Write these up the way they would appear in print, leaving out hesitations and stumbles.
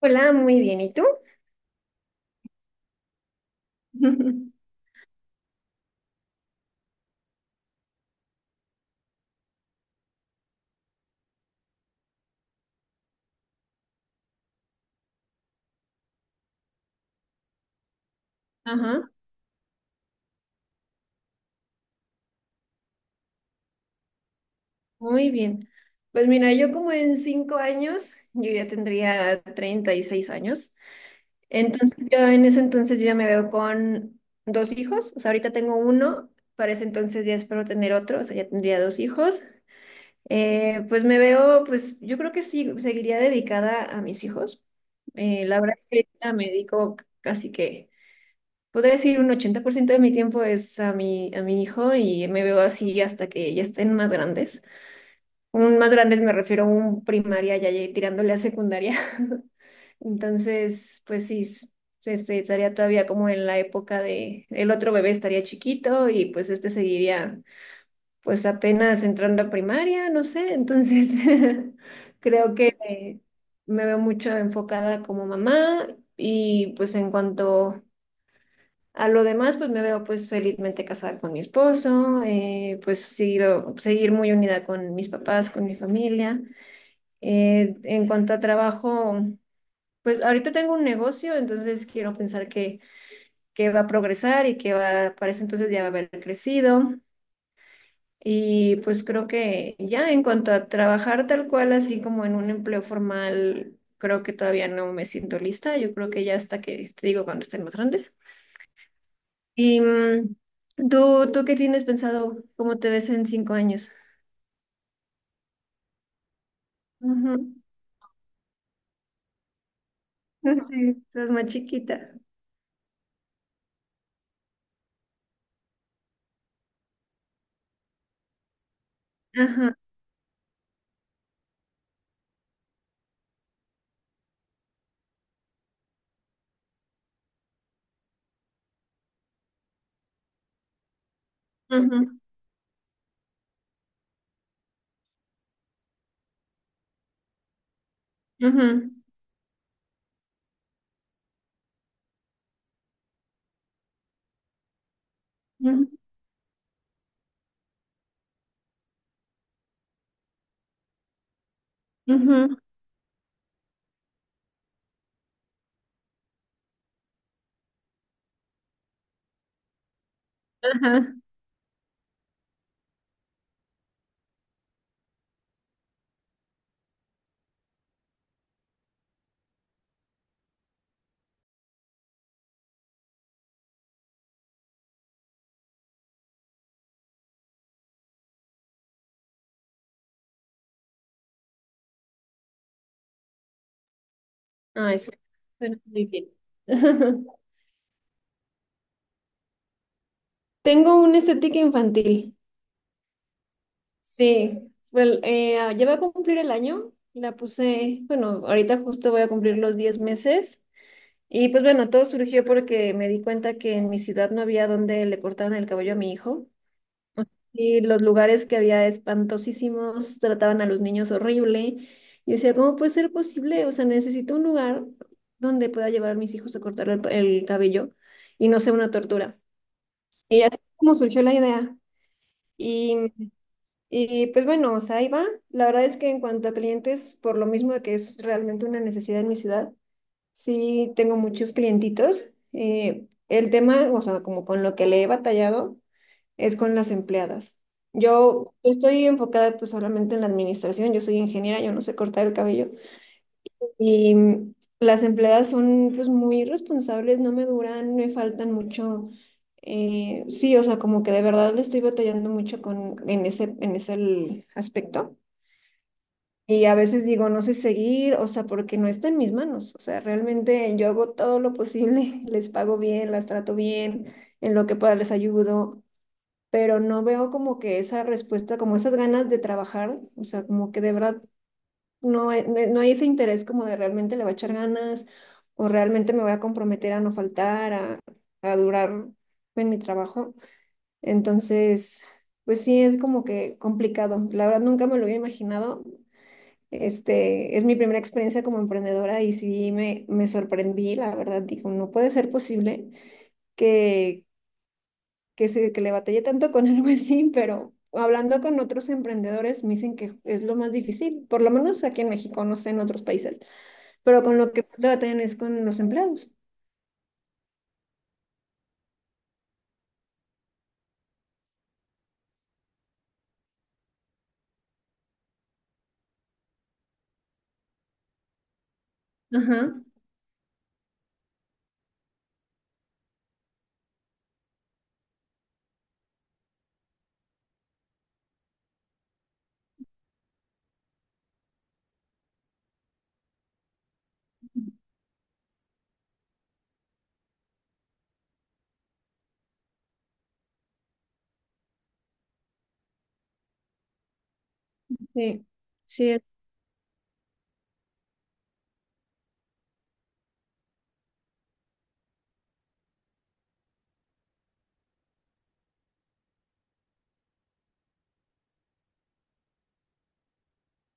Hola, muy bien. ¿Y tú? Ajá. Muy bien. Pues mira, yo como en 5 años, yo ya tendría 36 años. Entonces yo en ese entonces yo ya me veo con dos hijos. O sea, ahorita tengo uno, para ese entonces ya espero tener otro, o sea, ya tendría dos hijos. Pues me veo, pues yo creo que sí, seguiría dedicada a mis hijos. La verdad es que ahorita me dedico casi que podría decir un 80% de mi tiempo es a mi hijo y me veo así hasta que ya estén más grandes. Un más grandes me refiero a un primaria ya ya tirándole a secundaria. Entonces, pues sí, este, estaría todavía como en la época de, el otro bebé estaría chiquito y pues este seguiría pues apenas entrando a primaria, no sé, entonces creo que me veo mucho enfocada como mamá y pues en cuanto a lo demás, pues me veo pues felizmente casada con mi esposo, pues seguir muy unida con mis papás, con mi familia. En cuanto a trabajo, pues ahorita tengo un negocio, entonces quiero pensar que va a progresar y para ese entonces ya va a haber crecido. Y pues creo que ya en cuanto a trabajar tal cual, así como en un empleo formal, creo que todavía no me siento lista. Yo creo que ya hasta que, te digo, cuando estén más grandes. ¿Y tú qué tienes pensado? ¿Cómo te ves en 5 años? Ujú. Sí, estás más chiquita. Ajá. Ujú, ujú, ujú, ujú. Ajá. Ay, suena muy bien. Tengo una estética infantil. Sí. Well, ya voy a cumplir el año. La puse, bueno, ahorita justo voy a cumplir los 10 meses. Y pues bueno, todo surgió porque me di cuenta que en mi ciudad no había donde le cortaran el cabello a mi hijo. Y los lugares que había espantosísimos, trataban a los niños horrible. Yo decía, ¿cómo puede ser posible? O sea, necesito un lugar donde pueda llevar a mis hijos a cortar el cabello y no sea una tortura. Y así es como surgió la idea. Y, y pues bueno, o sea, ahí va. La verdad es que en cuanto a clientes, por lo mismo de que es realmente una necesidad en mi ciudad, sí tengo muchos clientitos. El tema, o sea, como con lo que le he batallado es con las empleadas. Yo estoy enfocada pues solamente en la administración, yo soy ingeniera, yo no sé cortar el cabello y las empleadas son pues muy responsables, no me duran, me faltan mucho. Sí, o sea, como que de verdad le estoy batallando mucho con, en ese el aspecto. Y a veces digo, no sé seguir, o sea, porque no está en mis manos. O sea, realmente yo hago todo lo posible, les pago bien, las trato bien, en lo que pueda les ayudo, pero no veo como que esa respuesta, como esas ganas de trabajar, o sea, como que de verdad no hay, no hay ese interés como de realmente le voy a echar ganas o realmente me voy a comprometer a no faltar, a, durar en mi trabajo. Entonces, pues sí, es como que complicado. La verdad nunca me lo había imaginado. Este, es mi primera experiencia como emprendedora y sí me sorprendí, la verdad, digo, no puede ser posible que que le batallé tanto con algo así, pero hablando con otros emprendedores me dicen que es lo más difícil, por lo menos aquí en México, no sé, en otros países, pero con lo que más le batallan es con los empleados. Ajá, sí, sí,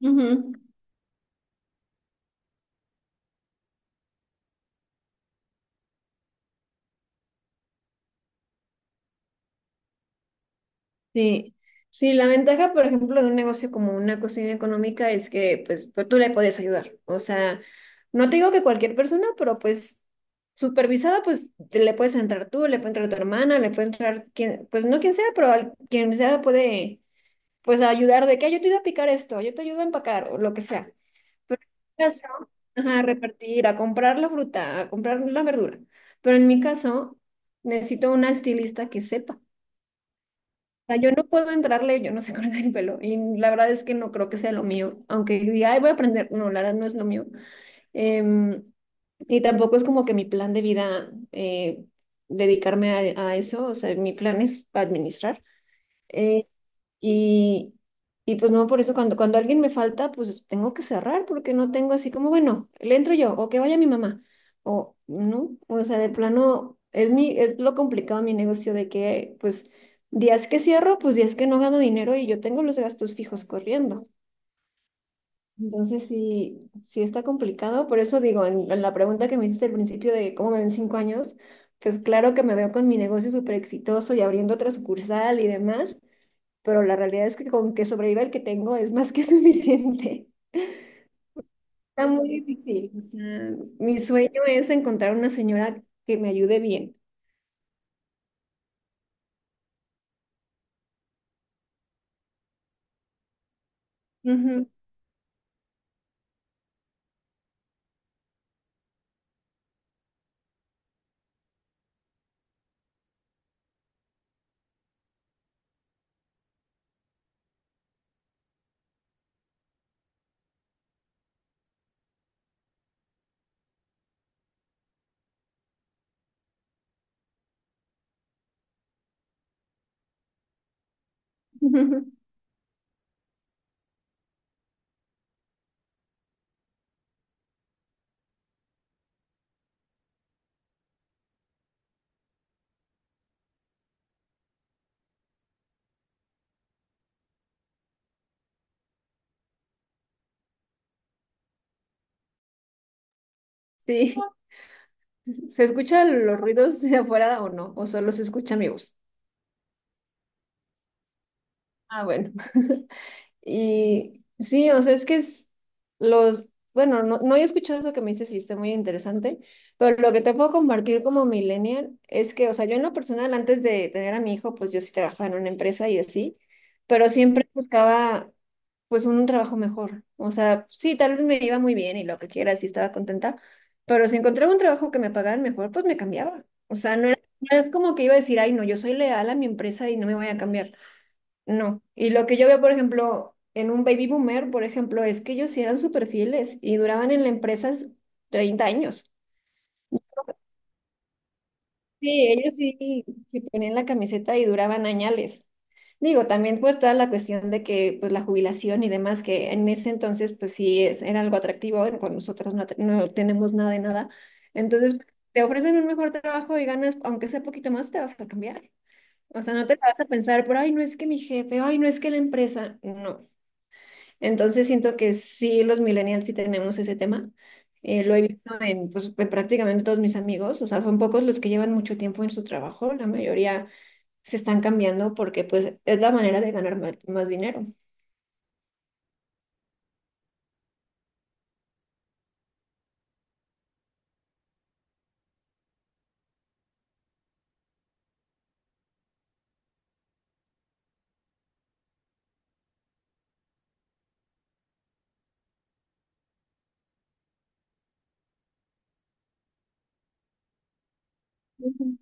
ujú. Sí. Sí, la ventaja, por ejemplo, de un negocio como una cocina económica es que pues, tú le puedes ayudar. O sea, no te digo que cualquier persona, pero pues supervisada, pues le puedes entrar tú, le puede entrar tu hermana, le puede entrar quien, pues no quien sea, pero quien sea puede pues a ayudar de que "Ay, yo te ayudo a picar esto, yo te ayudo a empacar o lo que sea." Pero en mi caso, ajá, a repartir, a comprar la fruta, a comprar la verdura. Pero en mi caso, necesito una estilista que sepa. O sea, yo no puedo entrarle, yo no sé cortar el pelo. Y la verdad es que no creo que sea lo mío. Aunque diga, ay, voy a aprender. No, la verdad no es lo mío. Em, y tampoco es como que mi plan de vida dedicarme a eso. O sea, mi plan es administrar. Eh, y, y pues no, por eso cuando alguien me falta, pues tengo que cerrar porque no tengo así como, bueno, le entro yo o que vaya mi mamá. O no, o sea, de plano, es lo complicado de mi negocio de que pues días que cierro, pues días que no gano dinero y yo tengo los gastos fijos corriendo. Entonces sí, sí está complicado. Por eso digo, en la pregunta que me hiciste al principio de cómo me ven 5 años, pues claro que me veo con mi negocio súper exitoso y abriendo otra sucursal y demás, pero la realidad es que con que sobreviva el que tengo es más que suficiente. Está muy difícil. O sea, mi sueño es encontrar una señora que me ayude bien. Ujú. Sí. ¿Se escuchan los ruidos de afuera o no? ¿O solo se escucha mi voz? Ah, bueno. Y sí, o sea, es que es los, bueno, no, no he escuchado eso que me dices y está muy interesante, pero lo que te puedo compartir como millennial es que, o sea, yo en lo personal, antes de tener a mi hijo, pues yo sí trabajaba en una empresa y así, pero siempre buscaba pues un trabajo mejor. O sea, sí, tal vez me iba muy bien y lo que quiera, sí estaba contenta, pero si encontraba un trabajo que me pagaran mejor, pues me cambiaba. O sea, no era, no es como que iba a decir, ay, no, yo soy leal a mi empresa y no me voy a cambiar. No, y lo que yo veo, por ejemplo, en un baby boomer, por ejemplo, es que ellos sí eran súper fieles y duraban en la empresa 30 años. Sí, ellos sí se ponían la camiseta y duraban añales. Digo, también pues toda la cuestión de que pues la jubilación y demás, que en ese entonces pues sí era algo atractivo, con nosotros no, no tenemos nada de nada. Entonces pues, te ofrecen un mejor trabajo y ganas, aunque sea poquito más, te vas a cambiar. O sea, no te vas a pensar, pero ay, no es que mi jefe, ay, no es que la empresa, no. Entonces siento que sí, los millennials sí tenemos ese tema. Lo he visto en, pues, en prácticamente todos mis amigos, o sea, son pocos los que llevan mucho tiempo en su trabajo, la mayoría se están cambiando porque pues es la manera de ganar más, dinero. Ujú,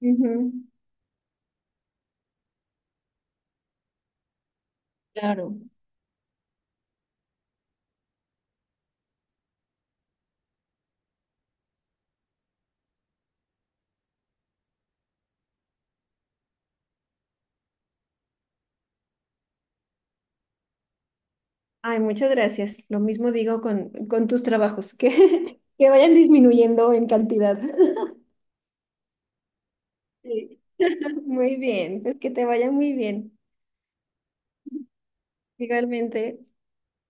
ujú. Claro. Ay, muchas gracias. Lo mismo digo con, tus trabajos, que, que vayan disminuyendo en cantidad. Sí. Muy bien, pues que te vaya muy bien. Igualmente.